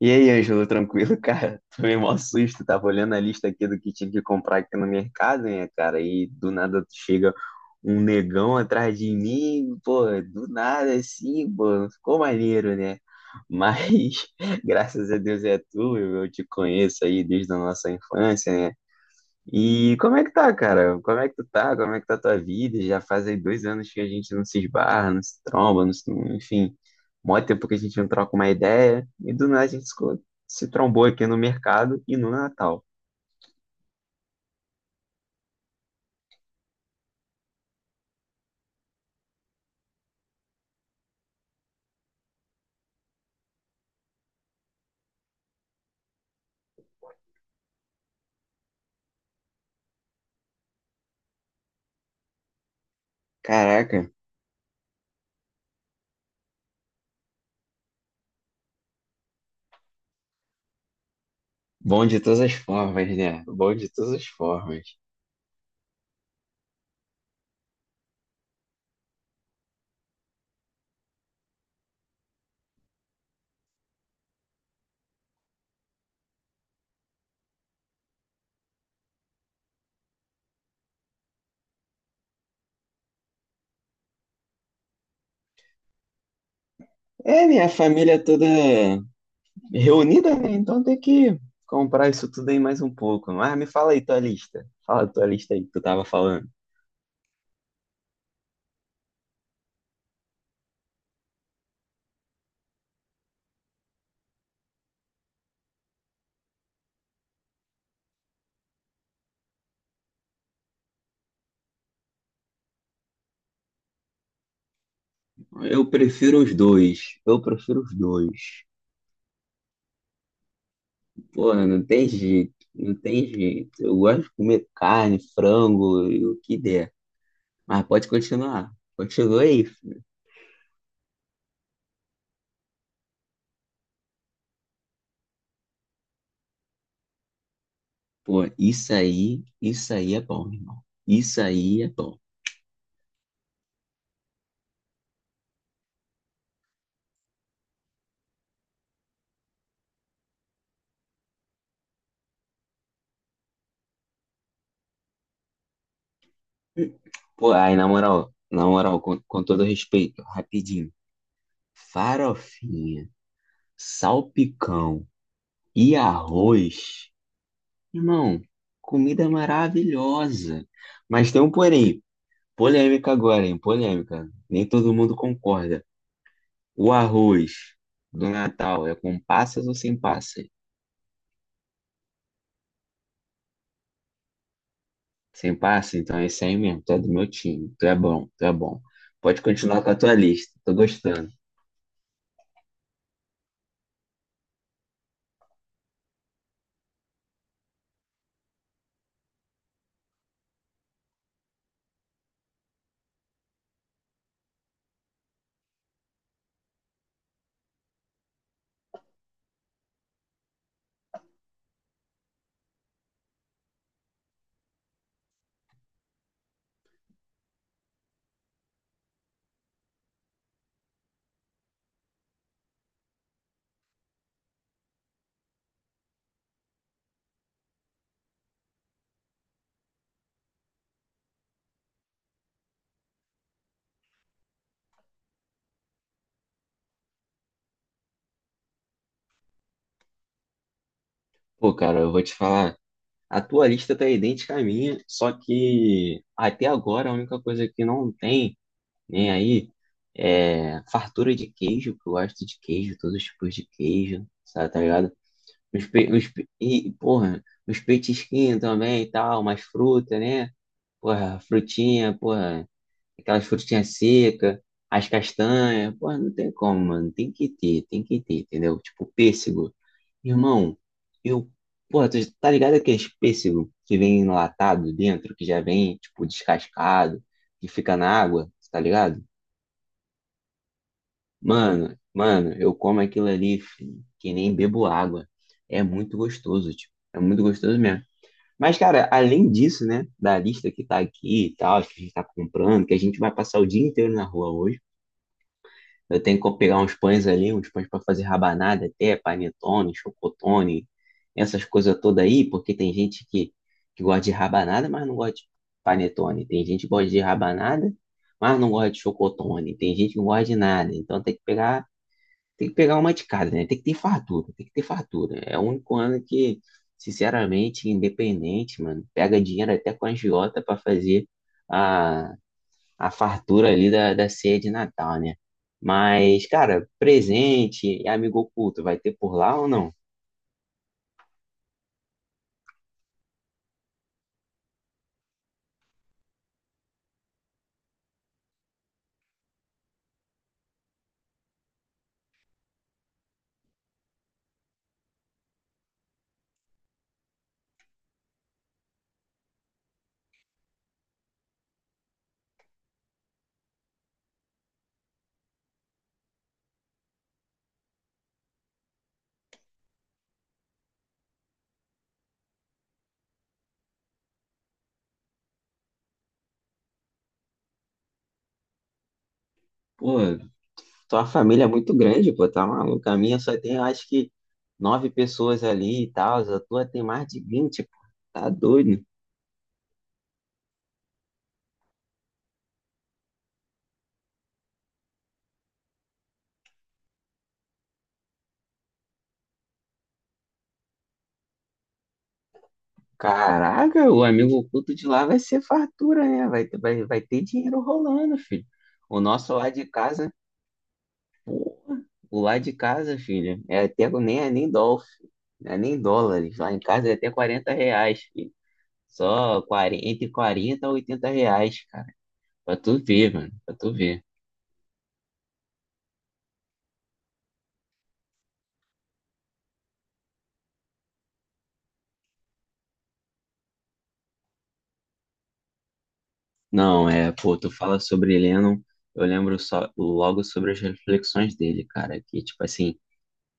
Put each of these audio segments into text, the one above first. E aí, Ângelo, tranquilo, cara? Tomei mó susto, tava olhando a lista aqui do que tinha que comprar aqui no mercado, né, cara? E do nada chega um negão atrás de mim, pô, do nada assim, pô, ficou maneiro, né? Mas graças a Deus é tu, eu te conheço aí desde a nossa infância, né? E como é que tá, cara? Como é que tu tá? Como é que tá a tua vida? Já faz aí 2 anos que a gente não se esbarra, não se tromba, enfim, mó tempo que a gente não troca uma ideia. E do nada a gente se trombou aqui no mercado e no Natal. Caraca, bom de todas as formas, né? Bom de todas as formas. É, minha família toda reunida, né? Então tem que comprar isso tudo aí mais um pouco. Mas me fala aí tua lista. Fala a tua lista aí que tu tava falando. Eu prefiro os dois. Eu prefiro os dois. Pô, né, não tem jeito, não tem jeito. Eu gosto de comer carne, frango e o que der. Mas pode continuar. Continua aí, filho. Pô, isso aí é bom, irmão. Isso aí é bom. Pô, aí na moral, com todo respeito, rapidinho. Farofinha, salpicão e arroz. Irmão, comida maravilhosa. Mas tem um porém, polêmica agora, hein? Polêmica. Nem todo mundo concorda. O arroz do Natal é com passas ou sem passas? Sem passas, então é isso aí mesmo. Tu é do meu time. Tu é bom, tu é bom. Pode continuar com a tua lista. Tô gostando. Pô, cara, eu vou te falar. A tua lista tá idêntica à minha, só que até agora a única coisa que não tem, nem aí, é fartura de queijo, que eu gosto de queijo, todos os tipos de queijo, sabe, tá ligado? Os pe... uns pe- E, porra, os petisquinhos também e tal, umas frutas, né? Porra, frutinha, porra, aquelas frutinhas secas, as castanhas, porra, não tem como, mano. Tem que ter, entendeu? Tipo, pêssego. Irmão, eu, porra, tu tá ligado aqueles pêssego que vem enlatado dentro, que já vem, tipo, descascado, que fica na água, tá ligado? Mano, mano, eu como aquilo ali, filho, que nem bebo água. É muito gostoso, tipo, é muito gostoso mesmo. Mas, cara, além disso, né, da lista que tá aqui e tal, que a gente tá comprando, que a gente vai passar o dia inteiro na rua hoje, eu tenho que pegar uns pães ali, uns pães para fazer rabanada até, panetone, chocotone, essas coisas todas aí, porque tem gente que gosta de rabanada, mas não gosta de panetone. Tem gente que gosta de rabanada, mas não gosta de chocotone. Tem gente que não gosta de nada. Então tem que pegar uma de cada, né? Tem que ter fartura, tem que ter fartura. É o único ano que, sinceramente, independente, mano, pega dinheiro até com a agiota pra fazer a, a fartura ali da ceia de Natal, né? Mas, cara, presente e amigo oculto, vai ter por lá ou não? Pô, tua família é muito grande, pô, tá maluco? A minha só tem, eu acho que, nove pessoas ali e tal, a tua tem mais de 20, pô. Tá doido. Caraca, o amigo oculto de lá vai ser fartura, né? Vai ter dinheiro rolando, filho. O nosso lá de casa, o lá de casa, filho, é até nem é nem dólar, não é nem dólares. Lá em casa é até R$ 40, filho. Só 40, entre 40 e R$ 80, cara. Pra tu ver, mano, pra tu ver. Não, é, pô, tu fala sobre Lennon, eu lembro só, logo sobre as reflexões dele, cara, que, tipo assim.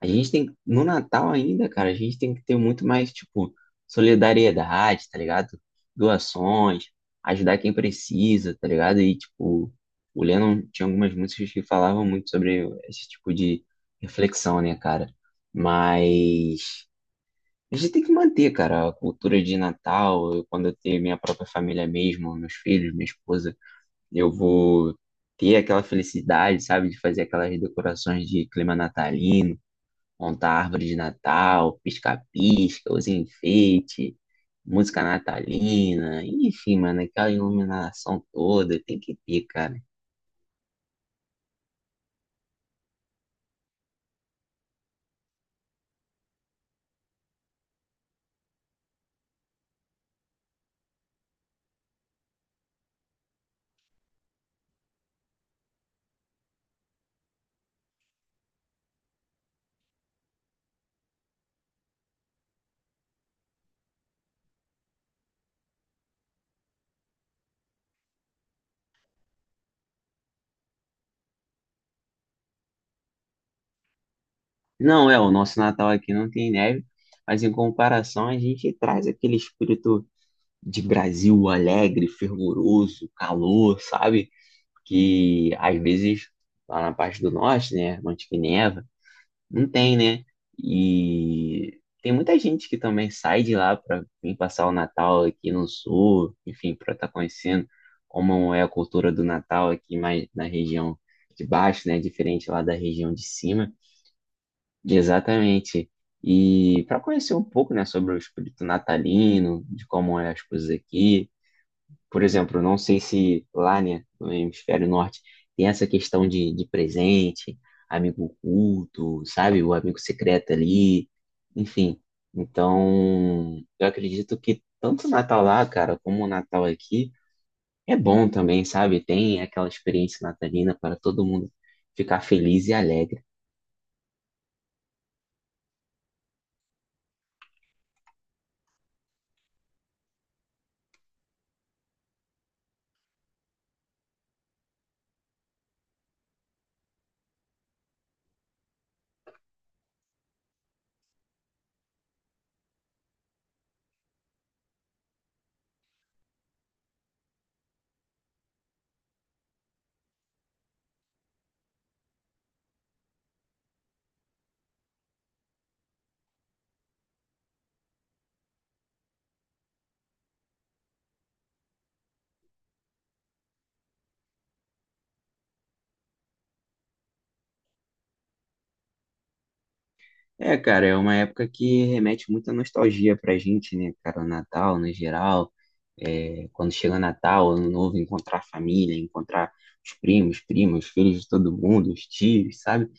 A gente tem, no Natal ainda, cara, a gente tem que ter muito mais, tipo, solidariedade, tá ligado? Doações, ajudar quem precisa, tá ligado? E, tipo, o Lennon tinha algumas músicas que falavam muito sobre esse tipo de reflexão, né, cara? Mas a gente tem que manter, cara, a cultura de Natal. Eu, quando eu ter minha própria família mesmo, meus filhos, minha esposa, eu vou ter aquela felicidade, sabe, de fazer aquelas decorações de clima natalino, montar a árvore de Natal, pisca-pisca, os enfeites, música natalina, enfim, mano, aquela iluminação toda, tem que ter, cara. Não é, o nosso Natal aqui não tem neve, mas em comparação a gente traz aquele espírito de Brasil alegre, fervoroso, calor, sabe? Que às vezes lá na parte do norte, né, Monte que neva. Não tem, né? E tem muita gente que também sai de lá para vir passar o Natal aqui no Sul, enfim, para estar conhecendo como é a cultura do Natal aqui mais na região de baixo, né? Diferente lá da região de cima. Exatamente. E para conhecer um pouco, né, sobre o espírito natalino, de como é as coisas aqui, por exemplo, eu não sei se lá, né, no hemisfério norte, tem essa questão de presente, amigo oculto, sabe? O amigo secreto ali, enfim. Então, eu acredito que tanto o Natal lá, cara, como o Natal aqui, é bom também, sabe? Tem aquela experiência natalina para todo mundo ficar feliz e alegre. É, cara, é uma época que remete muita nostalgia pra gente, né, cara? O Natal, no geral, é, quando chega Natal, Ano Novo, encontrar a família, encontrar os primos, primas, filhos de todo mundo, os tios, sabe?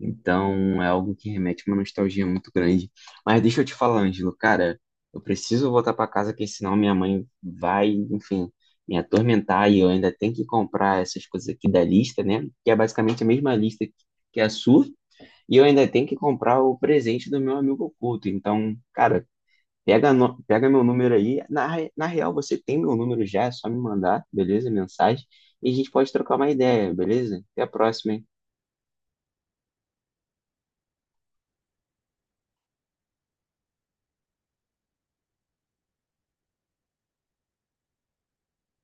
Então, é algo que remete uma nostalgia muito grande. Mas deixa eu te falar, Ângelo, cara, eu preciso voltar pra casa, porque senão minha mãe vai, enfim, me atormentar e eu ainda tenho que comprar essas coisas aqui da lista, né? Que é basicamente a mesma lista que a sua. E eu ainda tenho que comprar o presente do meu amigo oculto. Então, cara, pega, no- pega meu número aí. Na real, você tem meu número já, é só me mandar, beleza? Mensagem. E a gente pode trocar uma ideia, beleza? Até a próxima, hein?